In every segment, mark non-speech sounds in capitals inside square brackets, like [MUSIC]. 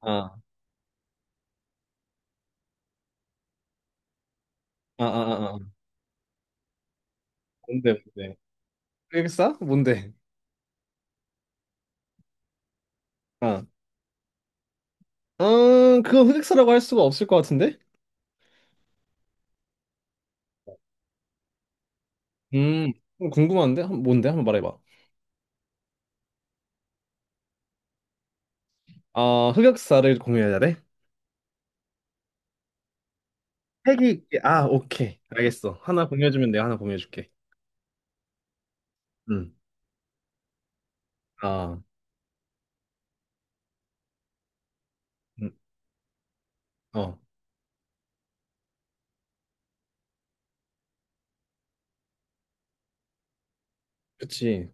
아, 아, 아, 아, 아. 뭔데, 뭔데? 흑역사? 뭔데? 아, 아, 그건 흑역사라고 할 수가 없을 것 같은데? 음, 좀 궁금한데? 뭔데? 한번 말해봐. 아, 흑역사를 공유해야 돼? 아, 오케이. 알겠어. 하나 공유해주면 내가 하나 공유해줄게. 음. 아, 음, 어, 그치.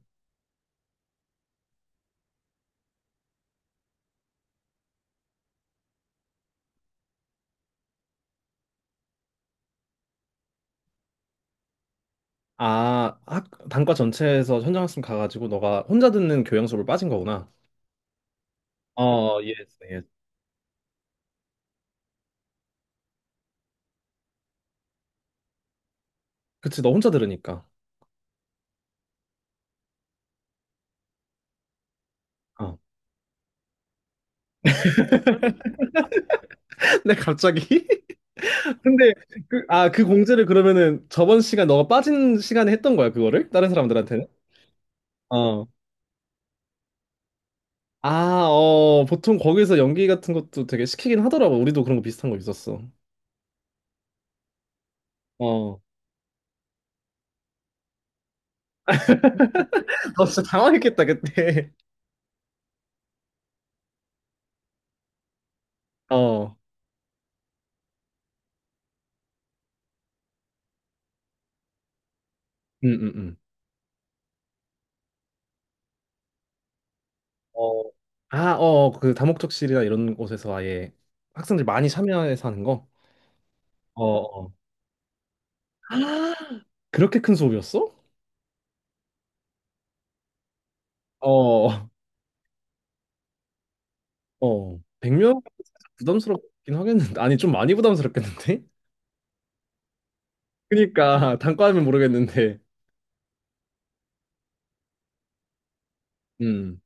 아, 단과 전체에서 현장학습 가가지고 너가 혼자 듣는 교양 수업을 빠진 거구나. 어, 예스, 예스. 그치, 너 혼자 들으니까. 어. [LAUGHS] 근데 갑자기? 근데 그, 아, 그 공지를 그러면은 저번 시간 너가 빠진 시간에 했던 거야, 그거를? 다른 사람들한테는? 어. 아, 어, 보통 거기서 연기 같은 것도 되게 시키긴 하더라고. 우리도 그런 거 비슷한 거 있었어. 어. [LAUGHS] 너 진짜 당황했겠다, 그때. [LAUGHS] 어. 음, 음, 음. 어. 아, 어, 그 다목적실이나 이런 곳에서 아예 학생들 많이 참여해서 하는 거? 어. 어. [GASPS] 아, 그렇게 큰 수업이었어? 어. 어. 100명? 부담스럽긴 하겠는데. 아니, 좀 많이 부담스럽겠는데? 그니까 [LAUGHS] 단과하면 모르겠는데. 음,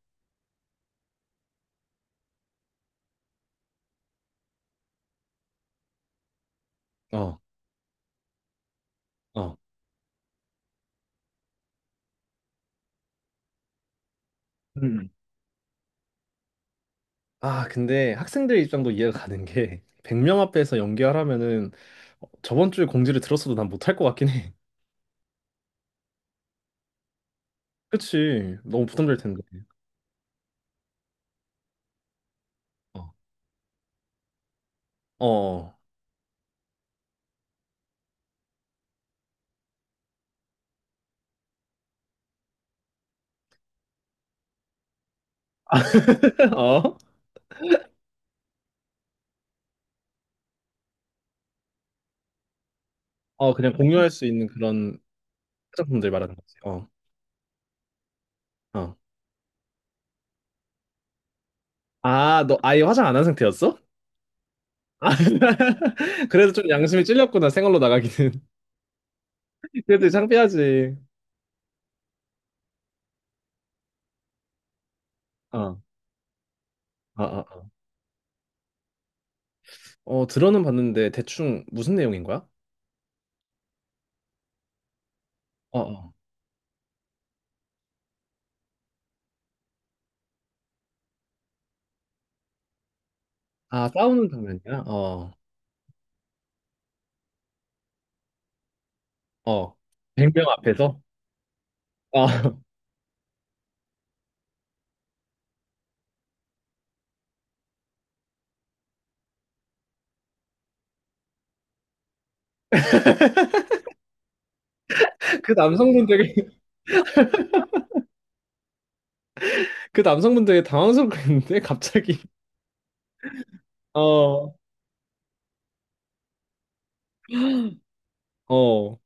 어, 어. 음. 아, 근데 학생들 입장도 이해가 가는 게 [LAUGHS] 100명 앞에서 연기하라면은 저번 주에 공지를 들었어도 난 못할 것 같긴 해. [LAUGHS] 그치. 너무 부담될 텐데. 어. 어. [LAUGHS] 어? 어, 그냥 공유할 수 있는 그런 화장품들 말하는 거지. 어. 어. 아, 너 아예 화장 안 한 상태였어? 아, [LAUGHS] 그래도 좀 양심이 찔렸구나. 생얼로 나가기는. [LAUGHS] 그래도 창피하지. 어. 아, 아. 아. 어, 들어는 봤는데 대충 무슨 내용인 거야? 어, 어. 아, 싸우는 장면이야? 어, 어. 100명 앞에서? 어. [LAUGHS] 그 남성분 되게, [LAUGHS] 그 남성분 되게 당황스럽겠는데, 갑자기. 어, 어.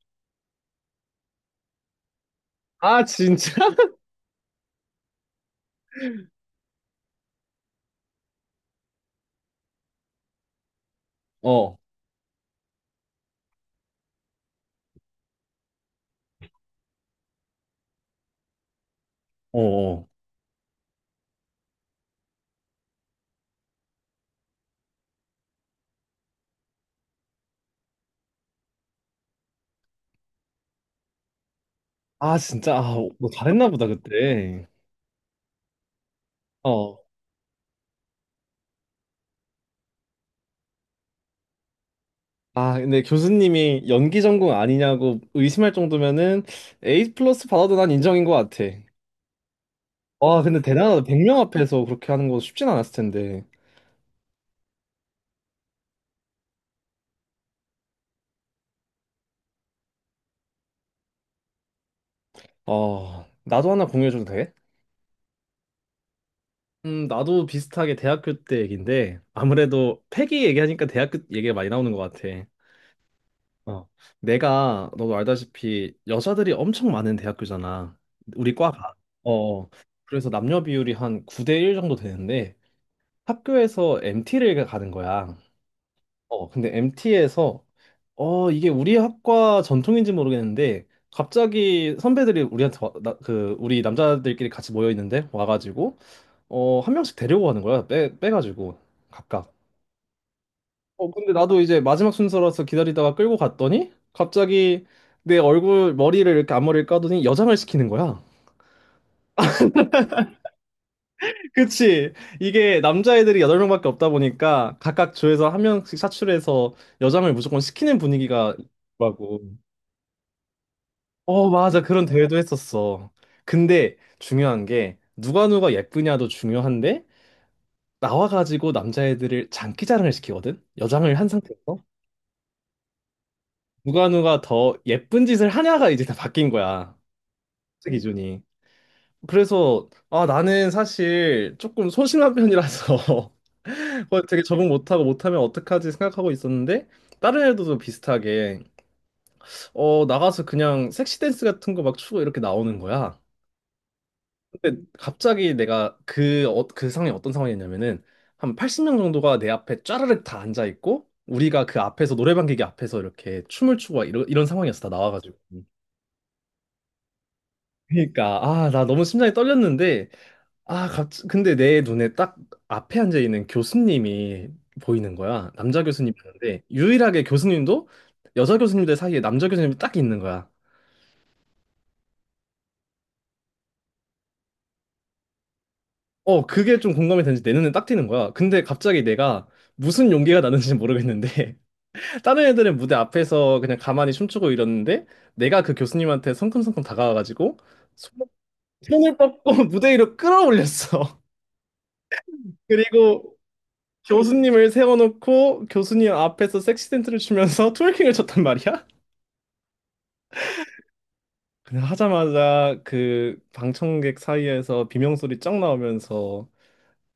아, 진짜? [LAUGHS] 어, 어, 어. 아, 진짜? 아, 너 잘했나 보다, 그때. 어. 아, 근데 교수님이 연기 전공 아니냐고 의심할 정도면은 A 플러스 받아도 난 인정인 것 같아. 와, 근데 대단하다. 100명 앞에서 그렇게 하는 거 쉽진 않았을 텐데. 어, 나도 하나 공유해줘도 돼? 나도 비슷하게 대학교 때 얘기인데, 아무래도 패기 얘기하니까 대학교 얘기가 많이 나오는 것 같아. 어. 내가, 너도 알다시피, 여자들이 엄청 많은 대학교잖아. 우리 과가. 어. 어. 그래서 남녀 비율이 한 9대 1 정도 되는데, 학교에서 MT를 가는 거야. 어, 근데 MT에서, 이게 우리 학과 전통인지 모르겠는데, 갑자기 선배들이 우리한테 와, 나, 그, 우리 남자들끼리 같이 모여 있는데, 와가지고, 한 명씩 데리고 가는 거야. 빼가지고, 각각. 어, 근데 나도 이제 마지막 순서라서 기다리다가 끌고 갔더니, 갑자기 머리를 이렇게 앞머리를 까더니 여장을 시키는 거야. [LAUGHS] 그치. 이게 남자애들이 8명밖에 없다 보니까, 각각 조에서 한 명씩 사출해서 여장을 무조건 시키는 분위기가 있더라고. 어, 맞아. 그런 대회도 했었어. 근데 중요한 게, 누가 누가 예쁘냐도 중요한데, 나와가지고 남자애들을 장기자랑을 시키거든? 여장을 한 상태에서. 누가 누가 더 예쁜 짓을 하냐가 이제 다 바뀐 거야. 그 기준이. 그래서, 아, 나는 사실 조금 소심한 편이라서 [LAUGHS] 그 되게 적응 못하고 못하면 어떡하지 생각하고 있었는데, 다른 애들도 비슷하게 나가서 그냥 섹시 댄스 같은 거 막 추고 이렇게 나오는 거야. 근데 갑자기 내가 그 상황이 어떤 상황이었냐면은 한 80명 정도가 내 앞에 쫘르륵 다 앉아 있고, 우리가 그 앞에서 노래방 기계 앞에서 이렇게 춤을 추고 막 이런 상황이었어, 다 나와가지고. 그러니까, 아, 나 너무 심장이 떨렸는데, 아, 갑 근데 내 눈에 딱 앞에 앉아 있는 교수님이 보이는 거야. 남자 교수님이었는데, 유일하게 교수님도 여자 교수님들 사이에 남자 교수님이 딱 있는 거야. 그게 좀 공감이 되는지 내 눈에 딱 띄는 거야. 근데 갑자기 내가 무슨 용기가 나는지 모르겠는데, [LAUGHS] 다른 애들은 무대 앞에서 그냥 가만히 춤추고 이러는데, 내가 그 교수님한테 성큼성큼 다가와가지고 손- 손을 뻗고 [LAUGHS] 무대 위로 끌어올렸어. [LAUGHS] 그리고 교수님을 세워놓고 교수님 앞에서 섹시 댄스를 추면서 [LAUGHS] 트월킹을 쳤단 말이야? 그냥 하자마자 그 방청객 사이에서 비명소리 쫙 나오면서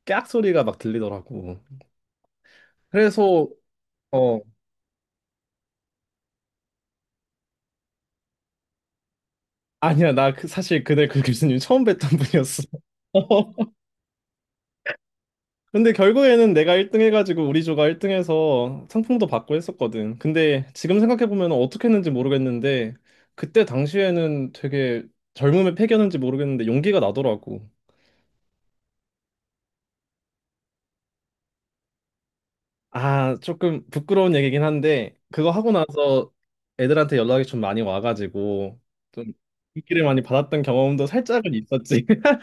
깨악 소리가 막 들리더라고. 그래서, 어 아니야, 나 사실 그날 그 교수님 처음 뵀던 분이었어. [LAUGHS] 근데 결국에는 내가 1등 해가지고 우리 조가 1등 해서 상품도 받고 했었거든. 근데 지금 생각해보면 어떻게 했는지 모르겠는데, 그때 당시에는 되게 젊음에 패겼는지 모르겠는데 용기가 나더라고. 아, 조금 부끄러운 얘기긴 한데, 그거 하고 나서 애들한테 연락이 좀 많이 와가지고, 좀 인기를 많이 받았던 경험도 살짝은 있었지. [LAUGHS]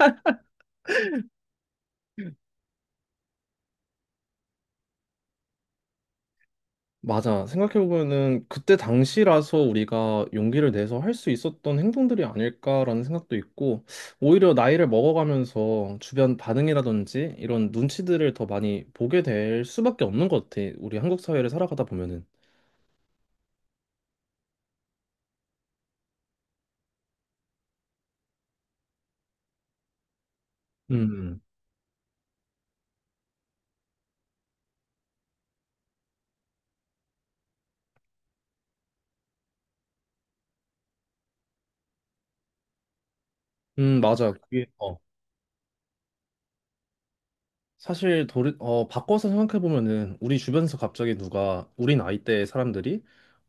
맞아. 생각해보면은 그때 당시라서 우리가 용기를 내서 할 수 있었던 행동들이 아닐까라는 생각도 있고, 오히려 나이를 먹어가면서 주변 반응이라든지 이런 눈치들을 더 많이 보게 될 수밖에 없는 것 같아. 우리 한국 사회를 살아가다 보면은. 음, 맞아. 그게, 어. 사실 바꿔서 생각해보면은 우리 주변에서 갑자기 누가 우리 나이대의 사람들이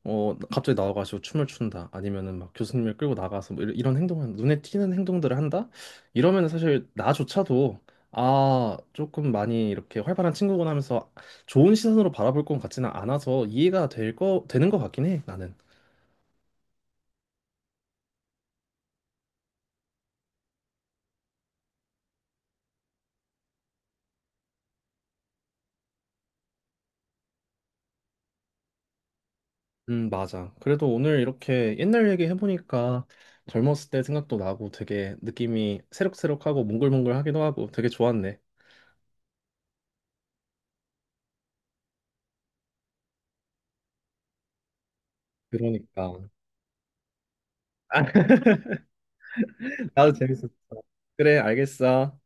갑자기 나와가지고 춤을 춘다 아니면은 막 교수님을 끌고 나가서 뭐 이런 행동을, 눈에 띄는 행동들을 한다 이러면은, 사실 나조차도, 아, 조금 많이 이렇게 활발한 친구구나 하면서 좋은 시선으로 바라볼 것 같지는 않아서 이해가 될 거 되는 것 같긴 해, 나는. 맞아. 그래도 오늘 이렇게 옛날 얘기 해보니까 젊었을 때 생각도 나고 되게 느낌이 새록새록하고 몽글몽글하기도 하고 되게 좋았네. 그러니까. [LAUGHS] 나도 재밌었어. 그래, 알겠어.